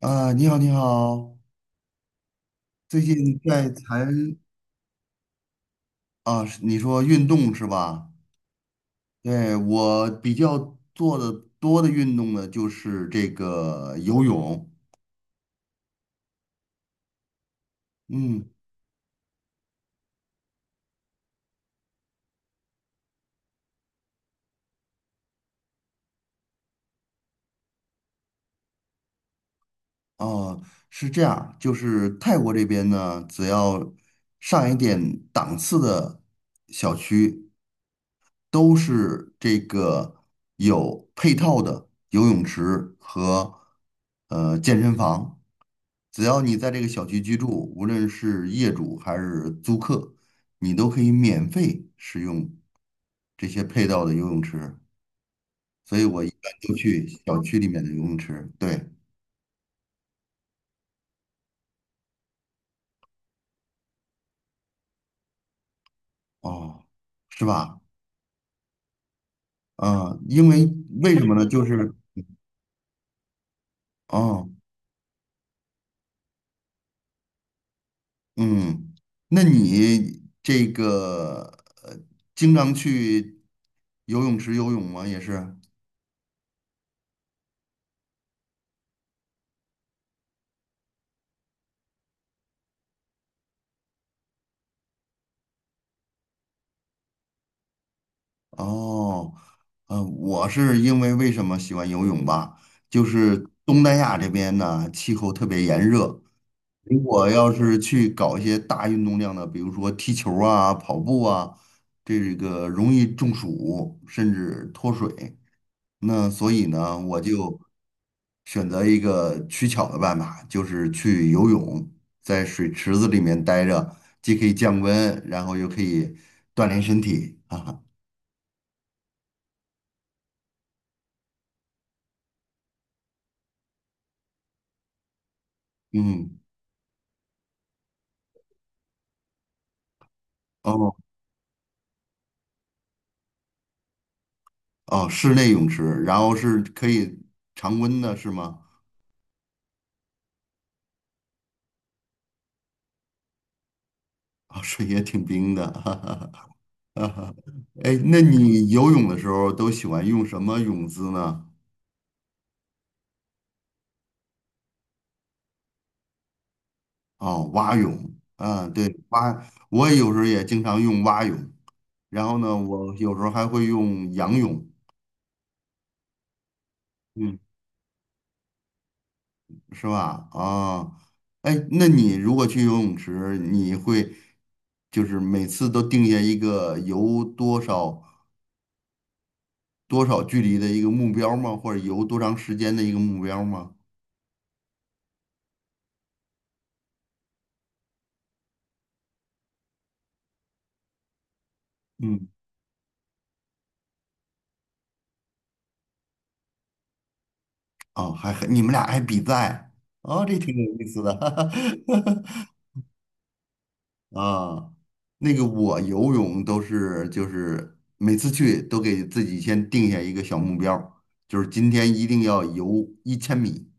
啊，你好，你好，最近在谈啊，是你说运动是吧？对，我比较做的多的运动呢，就是这个游泳。嗯，哦，是这样，就是泰国这边呢，只要上一点档次的小区，都是这个有配套的游泳池和健身房。只要你在这个小区居住，无论是业主还是租客，你都可以免费使用这些配套的游泳池。所以我一般都去小区里面的游泳池。对，哦，是吧？啊，因为为什么呢？就是哦，嗯，那你这个经常去游泳池游泳吗？也是。哦，我是因为为什么喜欢游泳吧？就是东南亚这边呢，气候特别炎热。如果要是去搞一些大运动量的，比如说踢球啊、跑步啊，这个容易中暑，甚至脱水。那所以呢，我就选择一个取巧的办法，就是去游泳，在水池子里面待着，既可以降温，然后又可以锻炼身体啊。嗯。哦。哦，室内泳池，然后是可以常温的，是吗？啊、水也挺冰的，哈哈哈哈。哎，那你游泳的时候都喜欢用什么泳姿呢？哦，蛙泳，嗯，对，我有时候也经常用蛙泳，然后呢，我有时候还会用仰泳，嗯，是吧？啊，哎，那你如果去游泳池，你会就是每次都定下一个游多少？多少距离的一个目标吗？或者游多长时间的一个目标吗？嗯，哦，还你们俩还比赛，哦，这挺有意思的，啊，那个我游泳都是就是每次去都给自己先定下一个小目标，就是今天一定要游一千米，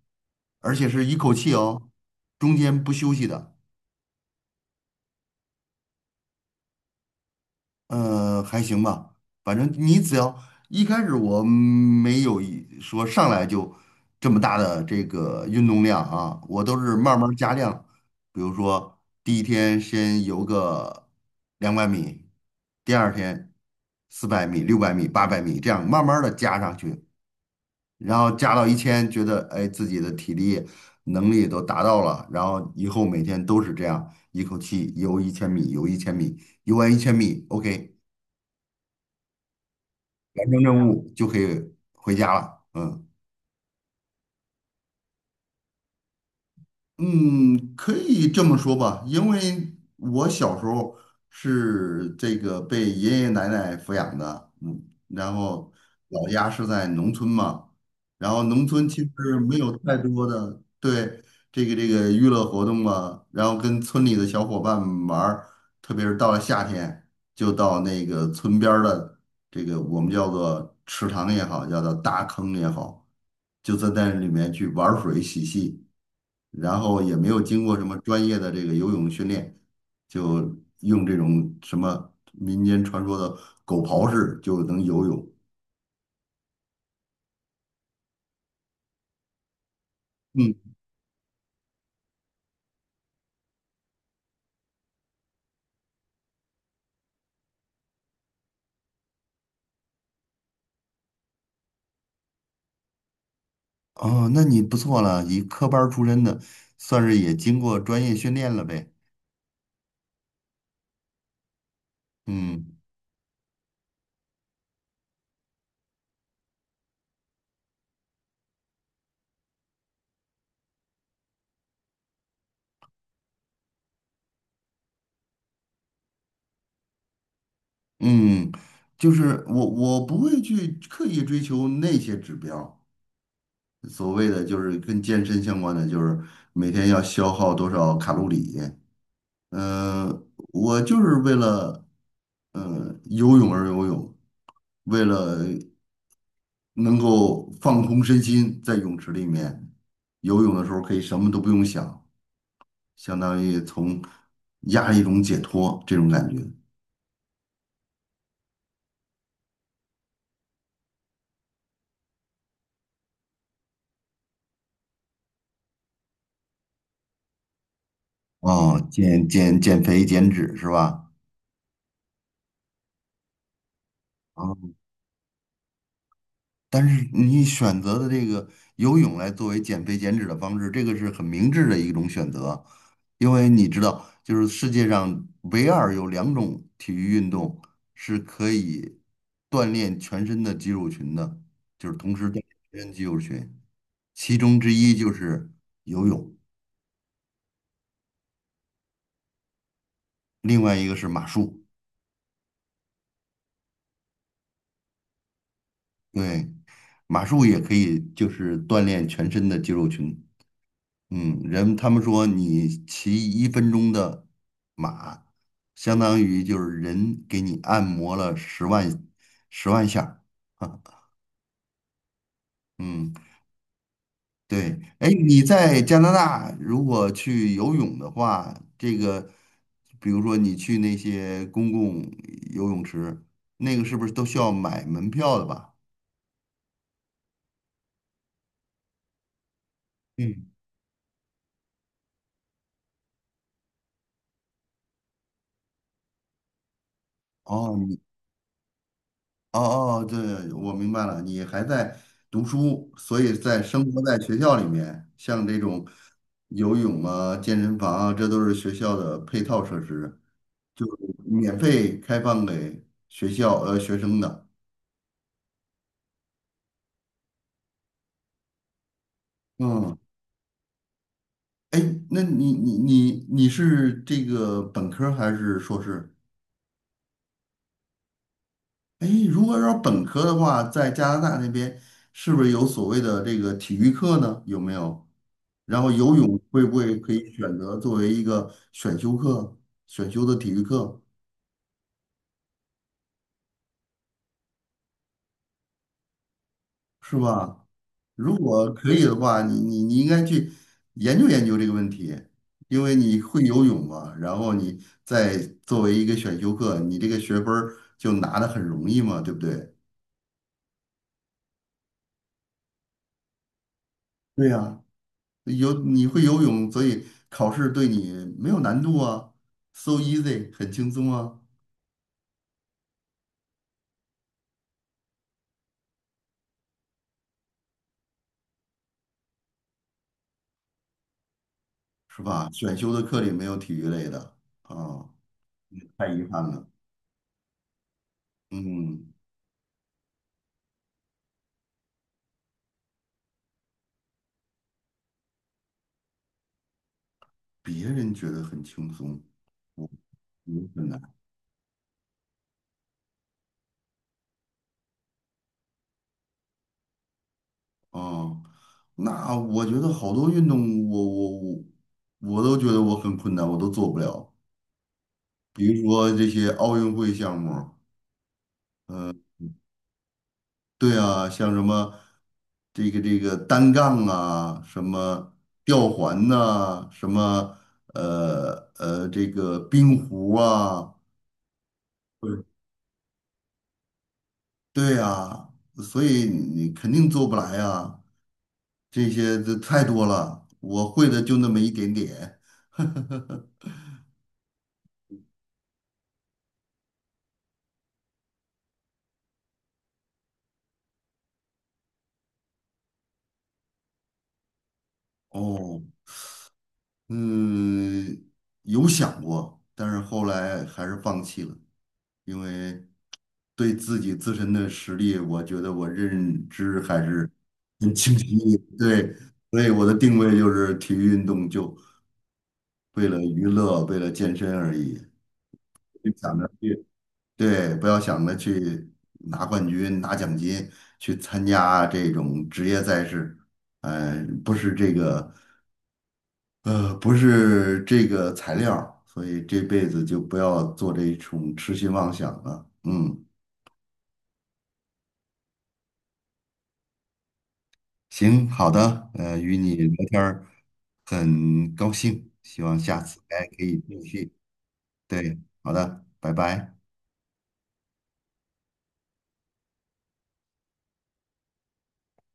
而且是一口气哦，中间不休息的。还行吧，反正你只要一开始我没有一说上来就这么大的这个运动量啊，我都是慢慢加量。比如说第一天先游个200米，第二天400米、600米、800米，这样慢慢的加上去，然后加到一千，觉得哎自己的体力能力都达到了，然后以后每天都是这样，一口气游一千米，游一千米，游完一千米，OK。完成任务就可以回家了。嗯，嗯，可以这么说吧，因为我小时候是这个被爷爷奶奶抚养的，嗯，然后老家是在农村嘛，然后农村其实没有太多的对这个娱乐活动啊，然后跟村里的小伙伴们玩儿特别是到了夏天，就到那个村边儿的这个我们叫做池塘也好，叫做大坑也好，就在那里面去玩水嬉戏。然后也没有经过什么专业的这个游泳训练，就用这种什么民间传说的狗刨式就能游泳。嗯，哦，那你不错了，以科班儿出身的，算是也经过专业训练了呗。嗯嗯，就是我不会去刻意追求那些指标。所谓的就是跟健身相关的，就是每天要消耗多少卡路里，呃，我就是为了游泳而游泳，为了能够放空身心，在泳池里面游泳的时候可以什么都不用想，相当于从压力中解脱这种感觉。哦，减肥减脂是吧？啊。但是你选择的这个游泳来作为减肥减脂的方式，这个是很明智的一种选择，因为你知道，就是世界上唯二有两种体育运动是可以锻炼全身的肌肉群的，就是同时锻炼全身肌肉群，其中之一就是游泳，另外一个是马术，对，马术也可以就是锻炼全身的肌肉群。嗯，人他们说你骑1分钟的马，相当于就是人给你按摩了十万下儿。嗯，对。哎，你在加拿大如果去游泳的话，这个比如说你去那些公共游泳池，那个是不是都需要买门票的吧？嗯，哦，哦哦，对，我明白了，你还在读书，所以在生活在学校里面，像这种游泳啊、健身房啊，这都是学校的配套设施，就免费开放给学校学生的。嗯，哎，那你是这个本科儿还是硕士？哎，如果说本科的话，在加拿大那边是不是有所谓的这个体育课呢？有没有？然后游泳会不会可以选择作为一个选修课，选修的体育课是吧？如果可以的话，你应该去研究研究这个问题，因为你会游泳嘛，然后你再作为一个选修课，你这个学分儿就拿的很容易嘛，对不对？对呀、你会游泳，所以考试对你没有难度啊，so easy，很轻松啊，是吧？选修的课里没有体育类的啊，太遗憾了。嗯，别人觉得很轻松，我困难啊。那我觉得好多运动我都觉得我很困难，我都做不了。比如说这些奥运会项目，对啊，像什么这个单杠啊，什么吊环呐、什么这个冰壶啊，对，对啊，所以你肯定做不来啊，这些这太多了，我会的就那么一点点。哦，嗯，有想过，但是后来还是放弃了，因为。对自己自身的实力，我觉得我认知还是很清晰的。对，所以我的定位就是体育运动，就为了娱乐，为了健身而已，就想着去，对，不要想着去拿冠军、拿奖金，去参加这种职业赛事，不是这个，不是这个材料儿所以这辈子就不要做这种痴心妄想了。嗯，行，好的，与你聊天儿很高兴，希望下次还可以继续。对，好的，拜拜。